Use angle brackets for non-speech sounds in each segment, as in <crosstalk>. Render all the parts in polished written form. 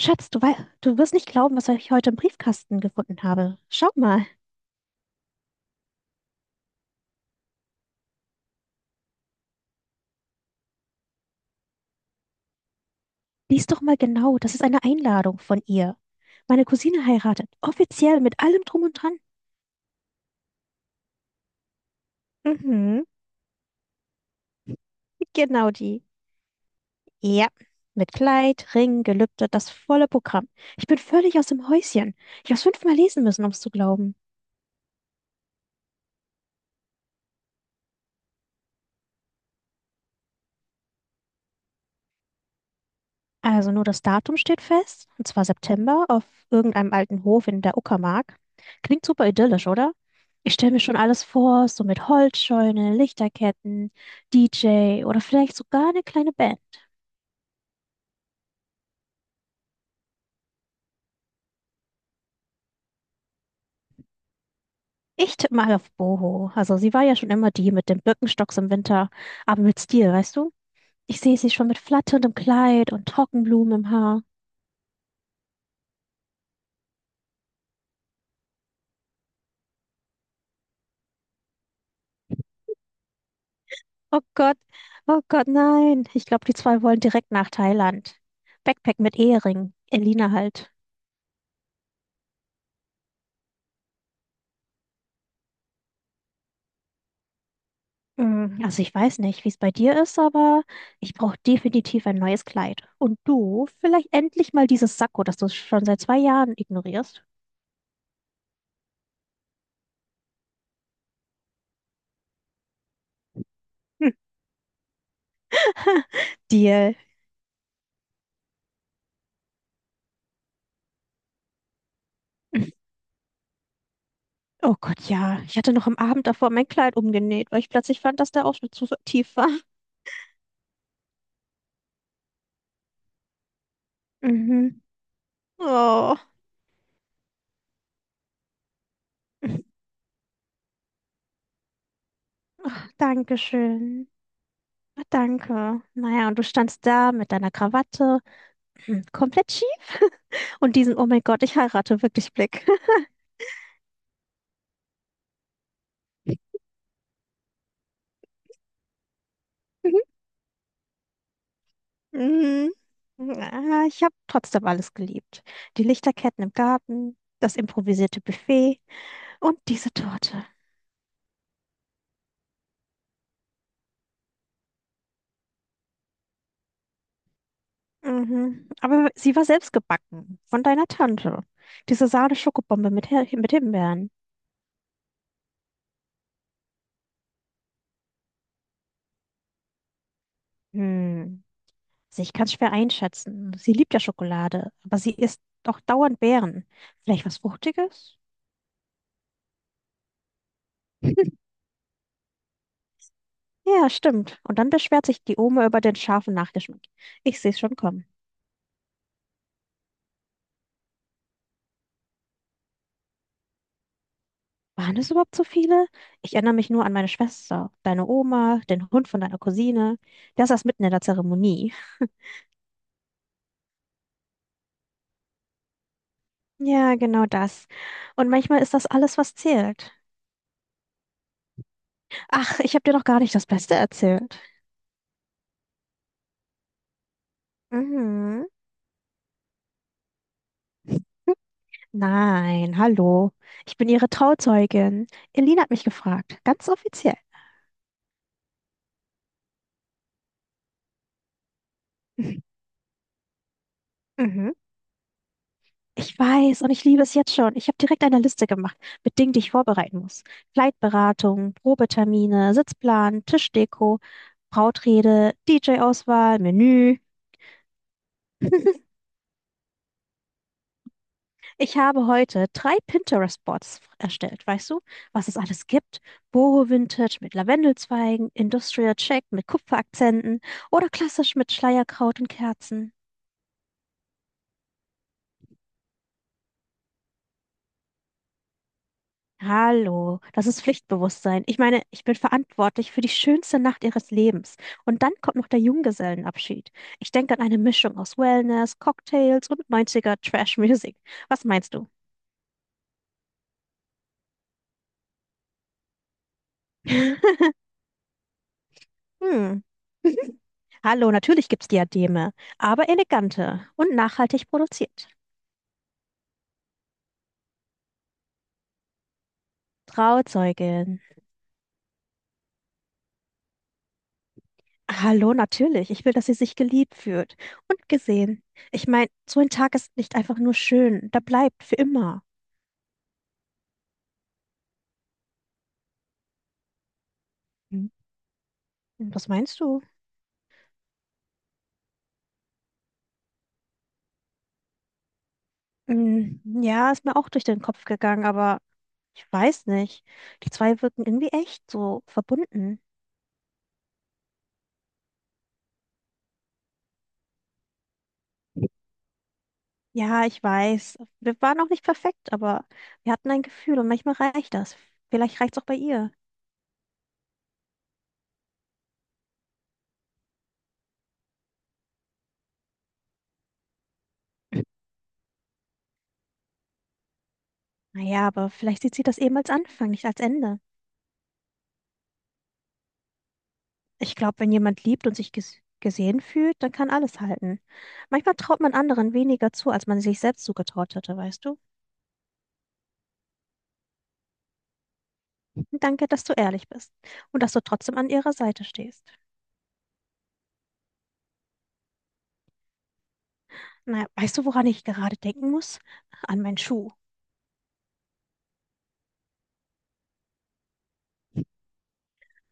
Schatz, du wirst nicht glauben, was ich heute im Briefkasten gefunden habe. Schau mal, lies doch mal genau. Das ist eine Einladung von ihr. Meine Cousine heiratet. Offiziell mit allem Drum und Dran. Mhm. Genau die. Ja, mit Kleid, Ring, Gelübde, das volle Programm. Ich bin völlig aus dem Häuschen. Ich habe es fünfmal lesen müssen, um es zu glauben. Also nur das Datum steht fest, und zwar September auf irgendeinem alten Hof in der Uckermark. Klingt super idyllisch, oder? Ich stelle mir schon alles vor, so mit Holzscheune, Lichterketten, DJ oder vielleicht sogar eine kleine Band. Ich tippe mal auf Boho. Also sie war ja schon immer die mit dem Birkenstocks im Winter, aber mit Stil, weißt du? Ich sehe sie schon mit flatterndem Kleid und Trockenblumen im Haar. Oh Gott, oh Gott, nein. Ich glaube, die zwei wollen direkt nach Thailand. Backpack mit Ehering. Elina halt. Also ich weiß nicht, wie es bei dir ist, aber ich brauche definitiv ein neues Kleid. Und du, vielleicht endlich mal dieses Sakko, das du schon seit zwei Jahren ignorierst. Hm. <laughs> Deal. Oh Gott, ja. Ich hatte noch am Abend davor mein Kleid umgenäht, weil ich plötzlich fand, dass der Ausschnitt zu tief war. Mhm. Oh. Ach, danke schön. Ah, Danke. Naja, und du standst da mit deiner Krawatte, komplett schief und diesen "Oh mein Gott, ich heirate wirklich Blick. <laughs> Mhm. Ah, ich habe trotzdem alles geliebt. Die Lichterketten im Garten, das improvisierte Buffet und diese Torte. Mhm. Aber sie war selbst gebacken, von deiner Tante. Diese Sahne-Schokobombe mit Himbeeren. Hm. Also ich kann es schwer einschätzen. Sie liebt ja Schokolade, aber sie isst doch dauernd Beeren. Vielleicht was Fruchtiges? <laughs> Ja, stimmt. Und dann beschwert sich die Oma über den scharfen Nachgeschmack. Ich sehe es schon kommen. Waren es überhaupt so viele? Ich erinnere mich nur an meine Schwester, deine Oma, den Hund von deiner Cousine. Der saß mitten in der Zeremonie. <laughs> Ja, genau das. Und manchmal ist das alles, was zählt. Ach, ich habe dir doch gar nicht das Beste erzählt. Mhm. Nein, hallo. Ich bin ihre Trauzeugin. Elina hat mich gefragt, ganz offiziell. <laughs> Mhm. Ich weiß und ich liebe es jetzt schon. Ich habe direkt eine Liste gemacht mit Dingen, die ich vorbereiten muss. Flightberatung, Probetermine, Sitzplan, Tischdeko, Brautrede, DJ-Auswahl, Menü. <laughs> Ich habe heute drei Pinterest-Boards erstellt, weißt du, was es alles gibt? Boho Vintage mit Lavendelzweigen, Industrial Check mit Kupferakzenten oder klassisch mit Schleierkraut und Kerzen. Hallo, das ist Pflichtbewusstsein. Ich meine, ich bin verantwortlich für die schönste Nacht ihres Lebens. Und dann kommt noch der Junggesellenabschied. Ich denke an eine Mischung aus Wellness, Cocktails und 90er Trash Music. Was meinst du? <laughs> Hm. Hallo, natürlich gibt's Diademe, aber elegante und nachhaltig produziert. Trauzeugin. Hallo, natürlich. Ich will, dass sie sich geliebt fühlt und gesehen. Ich meine, so ein Tag ist nicht einfach nur schön, da bleibt für immer. Hm. Was meinst du? Ja, ist mir auch durch den Kopf gegangen, aber ich weiß nicht. Die zwei wirken irgendwie echt so verbunden. Ja, ich weiß. Wir waren auch nicht perfekt, aber wir hatten ein Gefühl und manchmal reicht das. Vielleicht reicht's auch bei ihr. Naja, aber vielleicht sieht sie das eben als Anfang, nicht als Ende. Ich glaube, wenn jemand liebt und sich gesehen fühlt, dann kann alles halten. Manchmal traut man anderen weniger zu, als man sich selbst zugetraut hätte, weißt du? Danke, dass du ehrlich bist und dass du trotzdem an ihrer Seite stehst. Na, weißt du, woran ich gerade denken muss? An meinen Schuh.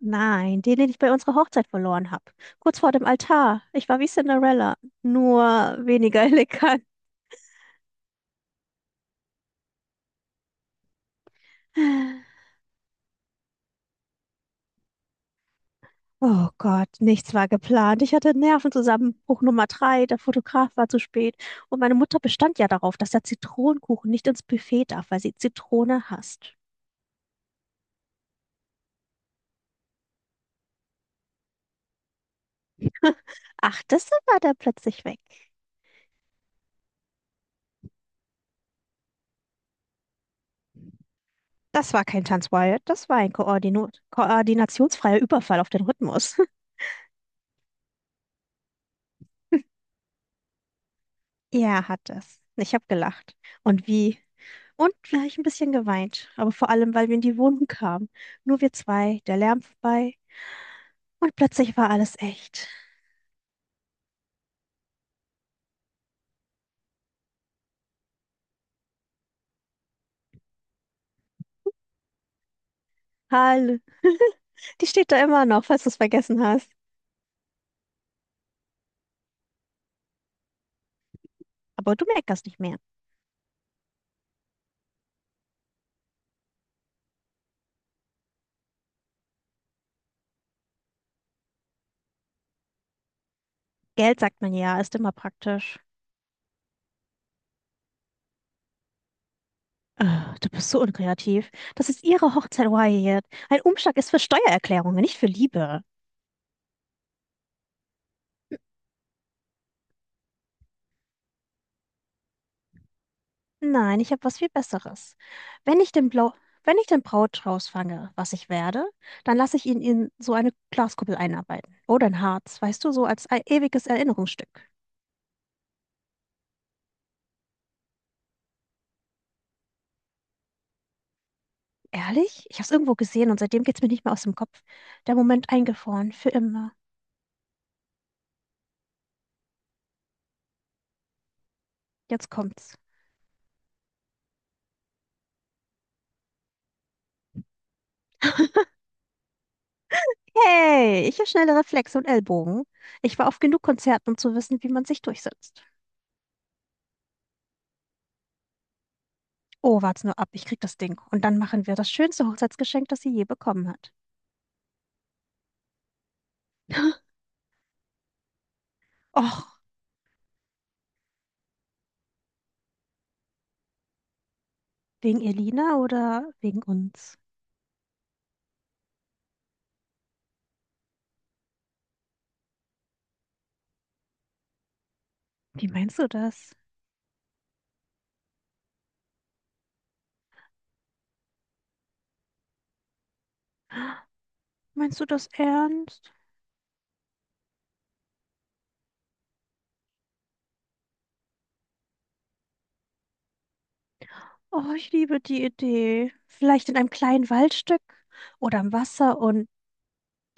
Nein, den, den ich bei unserer Hochzeit verloren habe. Kurz vor dem Altar. Ich war wie Cinderella, nur weniger <laughs> elegant. Oh Gott, nichts war geplant. Ich hatte einen Nervenzusammenbruch Nummer drei. Der Fotograf war zu spät. Und meine Mutter bestand ja darauf, dass der Zitronenkuchen nicht ins Buffet darf, weil sie Zitrone hasst. Ach, das war da plötzlich weg. Das war kein Tanzwild, das war ein koordinationsfreier Überfall auf den Rhythmus. Ja, hat es. Ich habe gelacht. Und wie? Und gleich ein bisschen geweint. Aber vor allem, weil wir in die Wohnung kamen. Nur wir zwei, der Lärm vorbei. Und plötzlich war alles echt. Halle. Die steht da immer noch, falls du es vergessen hast. Aber du meckerst nicht mehr. Geld, sagt man ja, ist immer praktisch. Ah, du bist so unkreativ. Das ist ihre Hochzeit, Wyatt. Ein Umschlag ist für Steuererklärungen, nicht für Liebe. Nein, ich habe was viel Besseres. Wenn ich den Blau, wenn ich den Brautstrauß fange, was ich werde, dann lasse ich ihn in so eine Glaskuppel einarbeiten. Oder ein Harz, weißt du, so als ewiges Erinnerungsstück. Ehrlich? Ich habe es irgendwo gesehen und seitdem geht's mir nicht mehr aus dem Kopf. Der Moment eingefroren, für immer. Jetzt kommt's. Hey, ich habe schnelle Reflexe und Ellbogen. Ich war auf genug Konzerten, um zu wissen, wie man sich durchsetzt. Oh, wart's nur ab, ich krieg das Ding. Und dann machen wir das schönste Hochzeitsgeschenk, das sie je bekommen hat. <gasps> Och. Wegen Elina oder wegen uns? Wie meinst du das? Meinst du das ernst? Oh, ich liebe die Idee. Vielleicht in einem kleinen Waldstück oder am Wasser und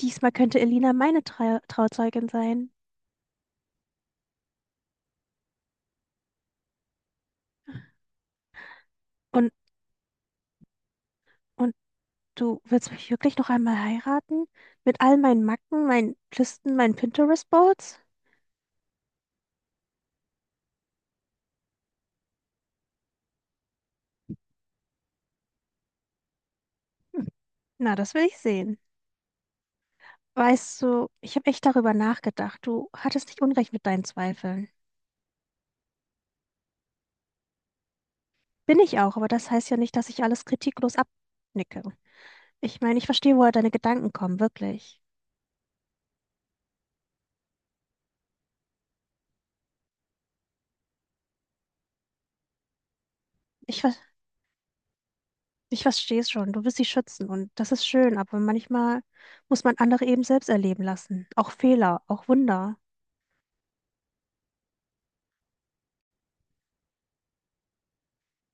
diesmal könnte Elina meine Trauzeugin sein. Und, und du willst mich wirklich noch einmal heiraten? Mit all meinen Macken, meinen Listen, meinen Pinterest-Boards? Hm, Na, das will ich sehen. Weißt du, ich habe echt darüber nachgedacht. Du hattest nicht Unrecht mit deinen Zweifeln. Bin ich auch, aber das heißt ja nicht, dass ich alles kritiklos abnicke. Ich meine, ich verstehe, woher deine Gedanken kommen, wirklich. Ich, ver- ich verstehe es schon. Du willst sie schützen und das ist schön, aber manchmal muss man andere eben selbst erleben lassen. Auch Fehler, auch Wunder.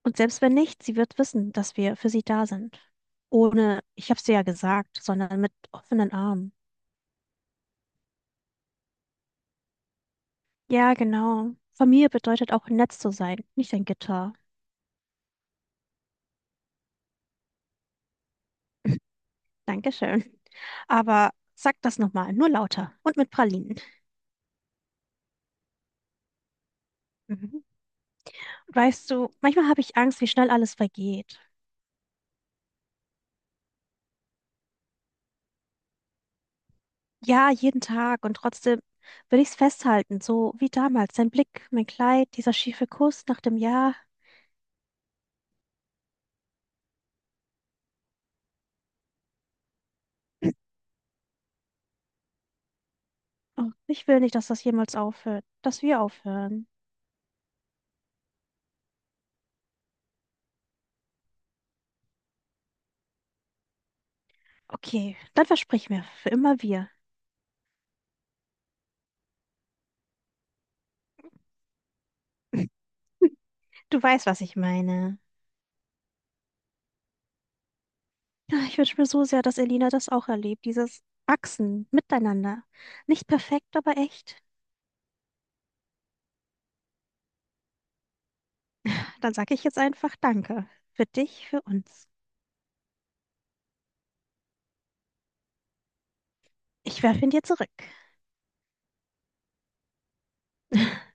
Und selbst wenn nicht, sie wird wissen, dass wir für sie da sind. Ohne, ich habe es dir ja gesagt, sondern mit offenen Armen. Ja, genau. Familie bedeutet auch nett zu sein, nicht ein Gitter. <laughs> Dankeschön. Aber sag das nochmal, nur lauter und mit Pralinen. Mhm. Weißt du, manchmal habe ich Angst, wie schnell alles vergeht. Ja, jeden Tag und trotzdem will ich es festhalten, so wie damals. Dein Blick, mein Kleid, dieser schiefe Kuss nach dem Jahr. Oh, ich will nicht, dass das jemals aufhört, dass wir aufhören. Okay, dann versprich mir, für immer wir. <laughs> Du weißt, was ich meine. Ja, ich wünsche mir so sehr, dass Elina das auch erlebt, dieses Wachsen miteinander. Nicht perfekt, aber echt. Dann sage ich jetzt einfach Danke. Für dich, für uns. Ich werfe ihn dir zurück. <laughs>